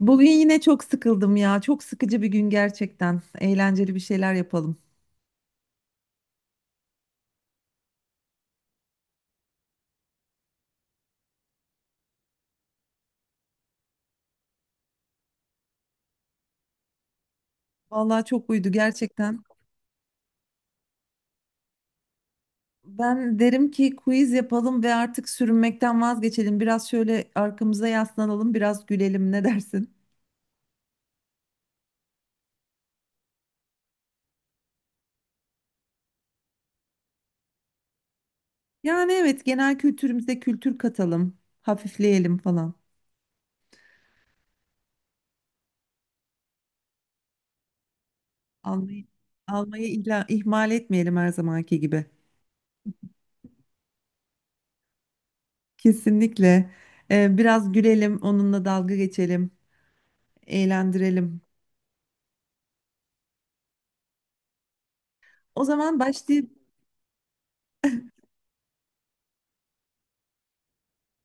Bugün yine çok sıkıldım ya. Çok sıkıcı bir gün gerçekten. Eğlenceli bir şeyler yapalım. Vallahi çok uydu gerçekten. Ben derim ki quiz yapalım ve artık sürünmekten vazgeçelim. Biraz şöyle arkamıza yaslanalım, biraz gülelim. Ne dersin? Yani evet, genel kültürümüze kültür katalım, hafifleyelim falan. Almayı, almayı ihmal etmeyelim her zamanki gibi. Kesinlikle. Biraz gülelim, onunla dalga geçelim, eğlendirelim. O zaman başlayıp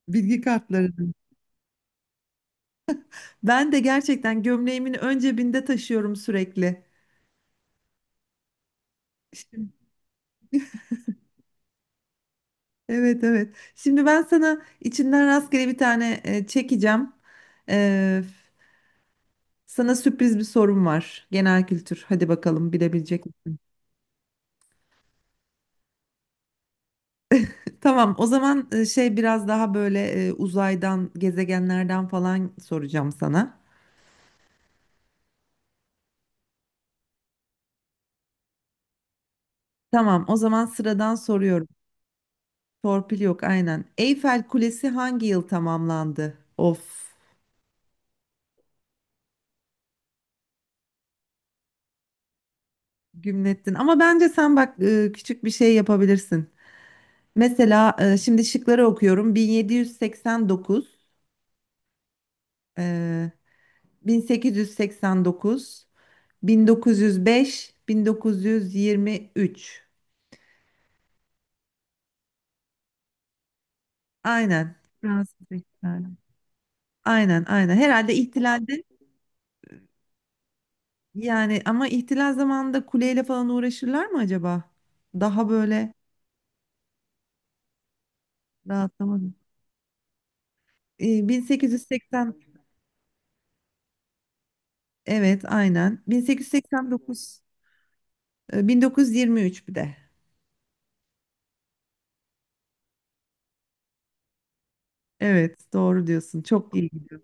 bilgi kartları. Ben de gerçekten gömleğimin ön cebinde taşıyorum sürekli. Şimdi, evet evet. Şimdi ben sana içinden rastgele bir tane çekeceğim. E, Sana sürpriz bir sorum var. Genel kültür. Hadi bakalım bilebilecek misin? Tamam. O zaman şey biraz daha böyle uzaydan, gezegenlerden falan soracağım sana. Tamam. O zaman sıradan soruyorum. Torpil yok aynen. Eyfel Kulesi hangi yıl tamamlandı? Of. Gümlettin. Ama bence sen bak küçük bir şey yapabilirsin. Mesela şimdi şıkları okuyorum. 1789, e, 1889, 1905, 1923. Aynen. Fransız ihtilali. Aynen, aynen. Herhalde ihtilalde yani ama ihtilal zamanında kuleyle falan uğraşırlar mı acaba? Daha böyle rahatlamadım. 1880 evet aynen. 1889. 1923 bir de. Evet, doğru diyorsun. Çok iyi gidiyor.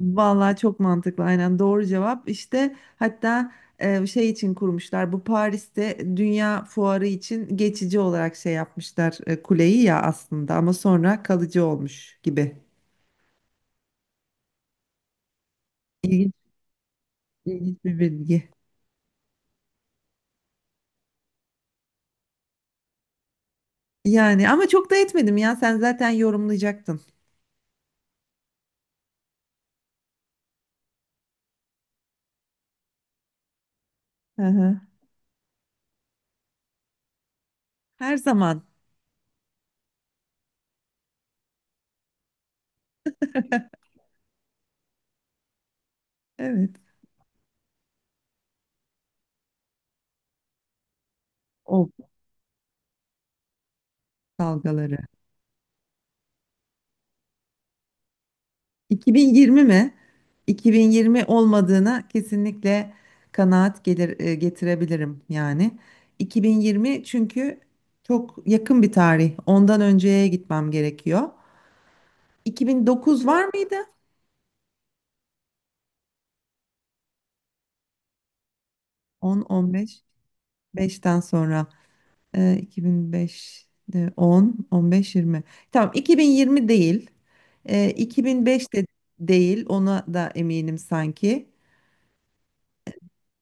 Vallahi çok mantıklı. Aynen doğru cevap. İşte hatta şey için kurmuşlar. Bu Paris'te Dünya Fuarı için geçici olarak şey yapmışlar kuleyi ya aslında ama sonra kalıcı olmuş gibi. İlginç, ilginç bir bilgi. Yani ama çok da etmedim ya. Sen zaten yorumlayacaktın. Hı hı. Her zaman. Evet. O dalgaları. 2020 mi? 2020 olmadığına kesinlikle kanaat gelir, getirebilirim yani. 2020 çünkü çok yakın bir tarih. Ondan önceye gitmem gerekiyor. 2009 var mıydı? 10, 15, 5'ten sonra. 2005, 10, 15, 20. Tamam 2020 değil. 2005 de değil. Ona da eminim sanki.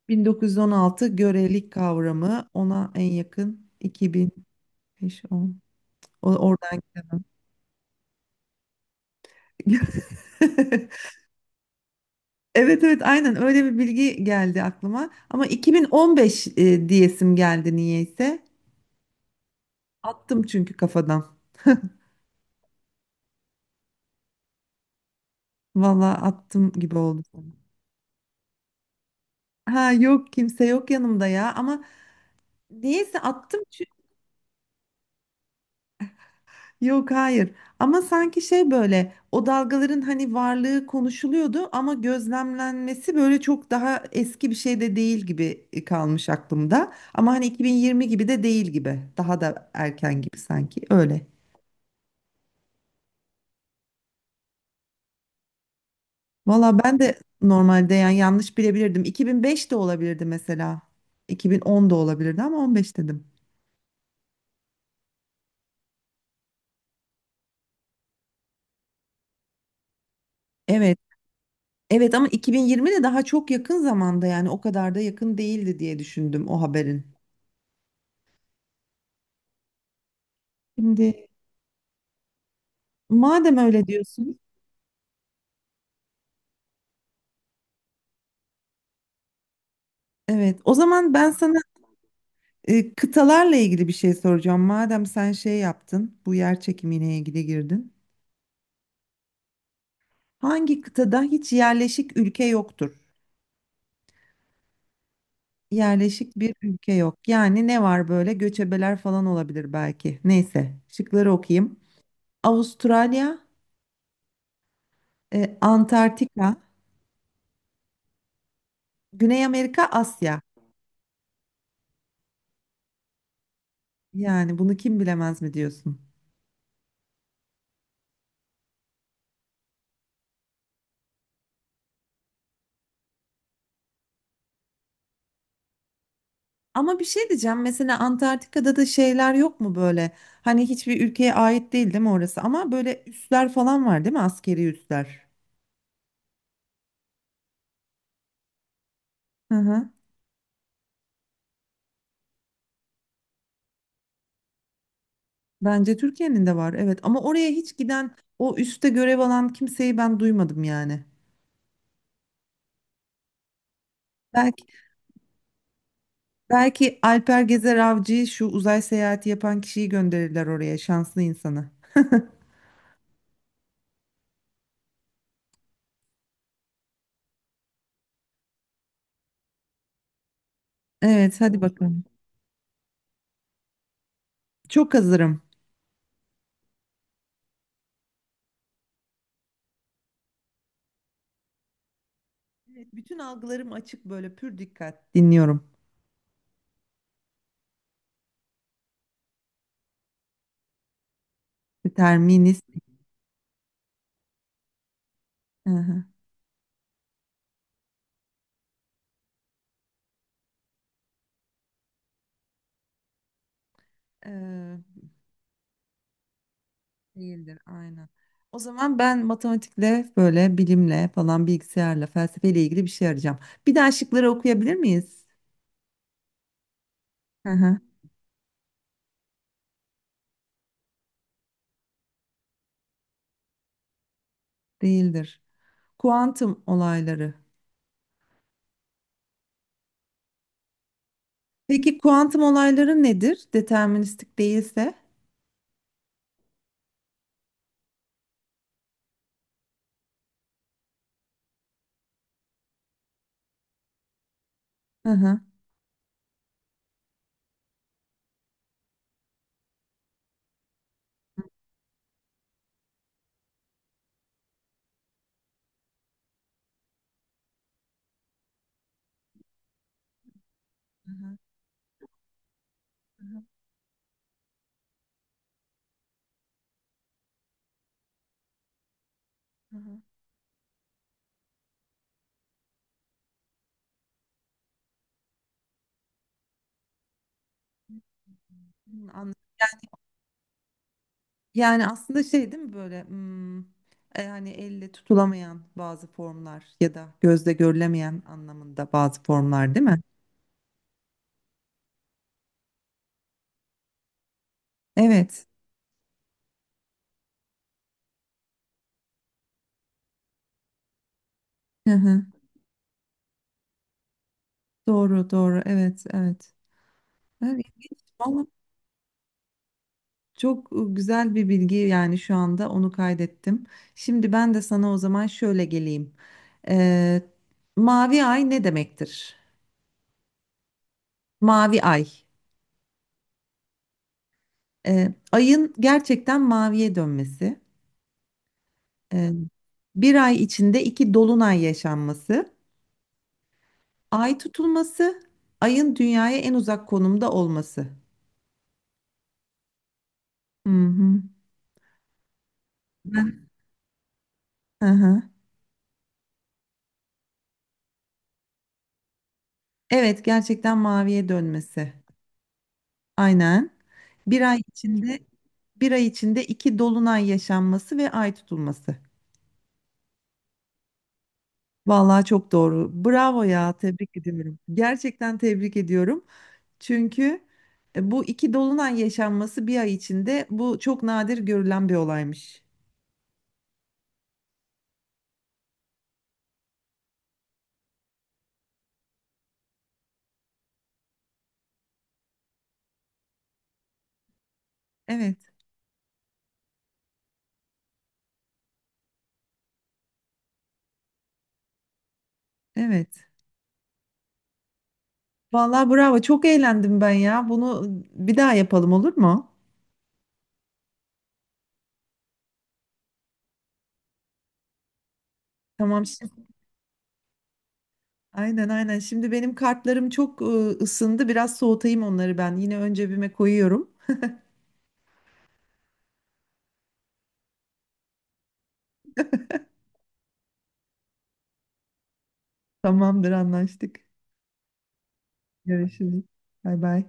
1916 görelik kavramı ona en yakın 2005-10 oradan. Evet evet aynen öyle bir bilgi geldi aklıma ama 2015 diyesim geldi niyeyse attım çünkü kafadan, valla attım gibi oldu. Ha yok, kimse yok yanımda ya ama niyeyse attım. Yok, hayır, ama sanki şey böyle o dalgaların hani varlığı konuşuluyordu ama gözlemlenmesi böyle çok daha eski bir şey de değil gibi kalmış aklımda. Ama hani 2020 gibi de değil gibi, daha da erken gibi sanki öyle. Valla ben de normalde yani yanlış bilebilirdim, 2005 de olabilirdi mesela, 2010 da olabilirdi ama 15 dedim. Evet evet ama 2020 de daha çok yakın zamanda yani, o kadar da yakın değildi diye düşündüm o haberin. Şimdi madem öyle diyorsun. Evet, o zaman ben sana kıtalarla ilgili bir şey soracağım. Madem sen şey yaptın, bu yer çekimine ilgili girdin. Hangi kıtada hiç yerleşik ülke yoktur? Yerleşik bir ülke yok. Yani ne var böyle? Göçebeler falan olabilir belki. Neyse, şıkları okuyayım. Avustralya, Antarktika, Güney Amerika, Asya. Yani bunu kim bilemez mi diyorsun? Ama bir şey diyeceğim. Mesela Antarktika'da da şeyler yok mu böyle? Hani hiçbir ülkeye ait değil, değil mi orası? Ama böyle üsler falan var değil mi? Askeri üsler. Hı hı. Bence Türkiye'nin de var. Evet. Ama oraya hiç giden, o üste görev alan kimseyi ben duymadım yani. Belki belki Alper Gezer Avcı'yı, şu uzay seyahati yapan kişiyi gönderirler oraya, şanslı insanı. Evet, hadi bakalım. Çok hazırım. Evet, bütün algılarım açık, böyle pür dikkat dinliyorum. Determinist. Hı hı. Değildir, aynen. O zaman ben matematikle böyle, bilimle falan, bilgisayarla, felsefeyle ilgili bir şey arayacağım. Bir daha şıkları okuyabilir miyiz? Hı hı, değildir. Kuantum olayları. Peki kuantum olayları nedir? Deterministik değilse? Hı hı. Hı hı, hı hı, hı hı. Hmm, anladım. Yani aslında şey değil mi böyle, hani elle tutulamayan bazı formlar ya da gözle görülemeyen anlamında bazı formlar değil mi? Evet. Doğru, doğru. Evet, evet. Evet, vallahi çok güzel bir bilgi, yani şu anda onu kaydettim. Şimdi ben de sana o zaman şöyle geleyim. Ee, Mavi ay ne demektir? Mavi ay. Ayın gerçekten maviye dönmesi. Ee, Bir ay içinde iki dolunay yaşanması. Ay tutulması. Ayın dünyaya en uzak konumda olması. Hı hı. Ben- Hı hı. Evet, gerçekten maviye dönmesi. Aynen. Bir ay içinde bir ay içinde iki dolunay yaşanması ve ay tutulması. Vallahi çok doğru. Bravo ya, tebrik ediyorum. Gerçekten tebrik ediyorum. Çünkü bu iki dolunay yaşanması bir ay içinde, bu çok nadir görülen bir olaymış. Evet, evet. Vallahi bravo. Çok eğlendim ben ya. Bunu bir daha yapalım, olur mu? Tamam şimdi. Aynen aynen. Şimdi benim kartlarım çok ısındı. Biraz soğutayım onları ben. Yine ön cebime koyuyorum. Tamamdır, anlaştık. Görüşürüz. Bay bay.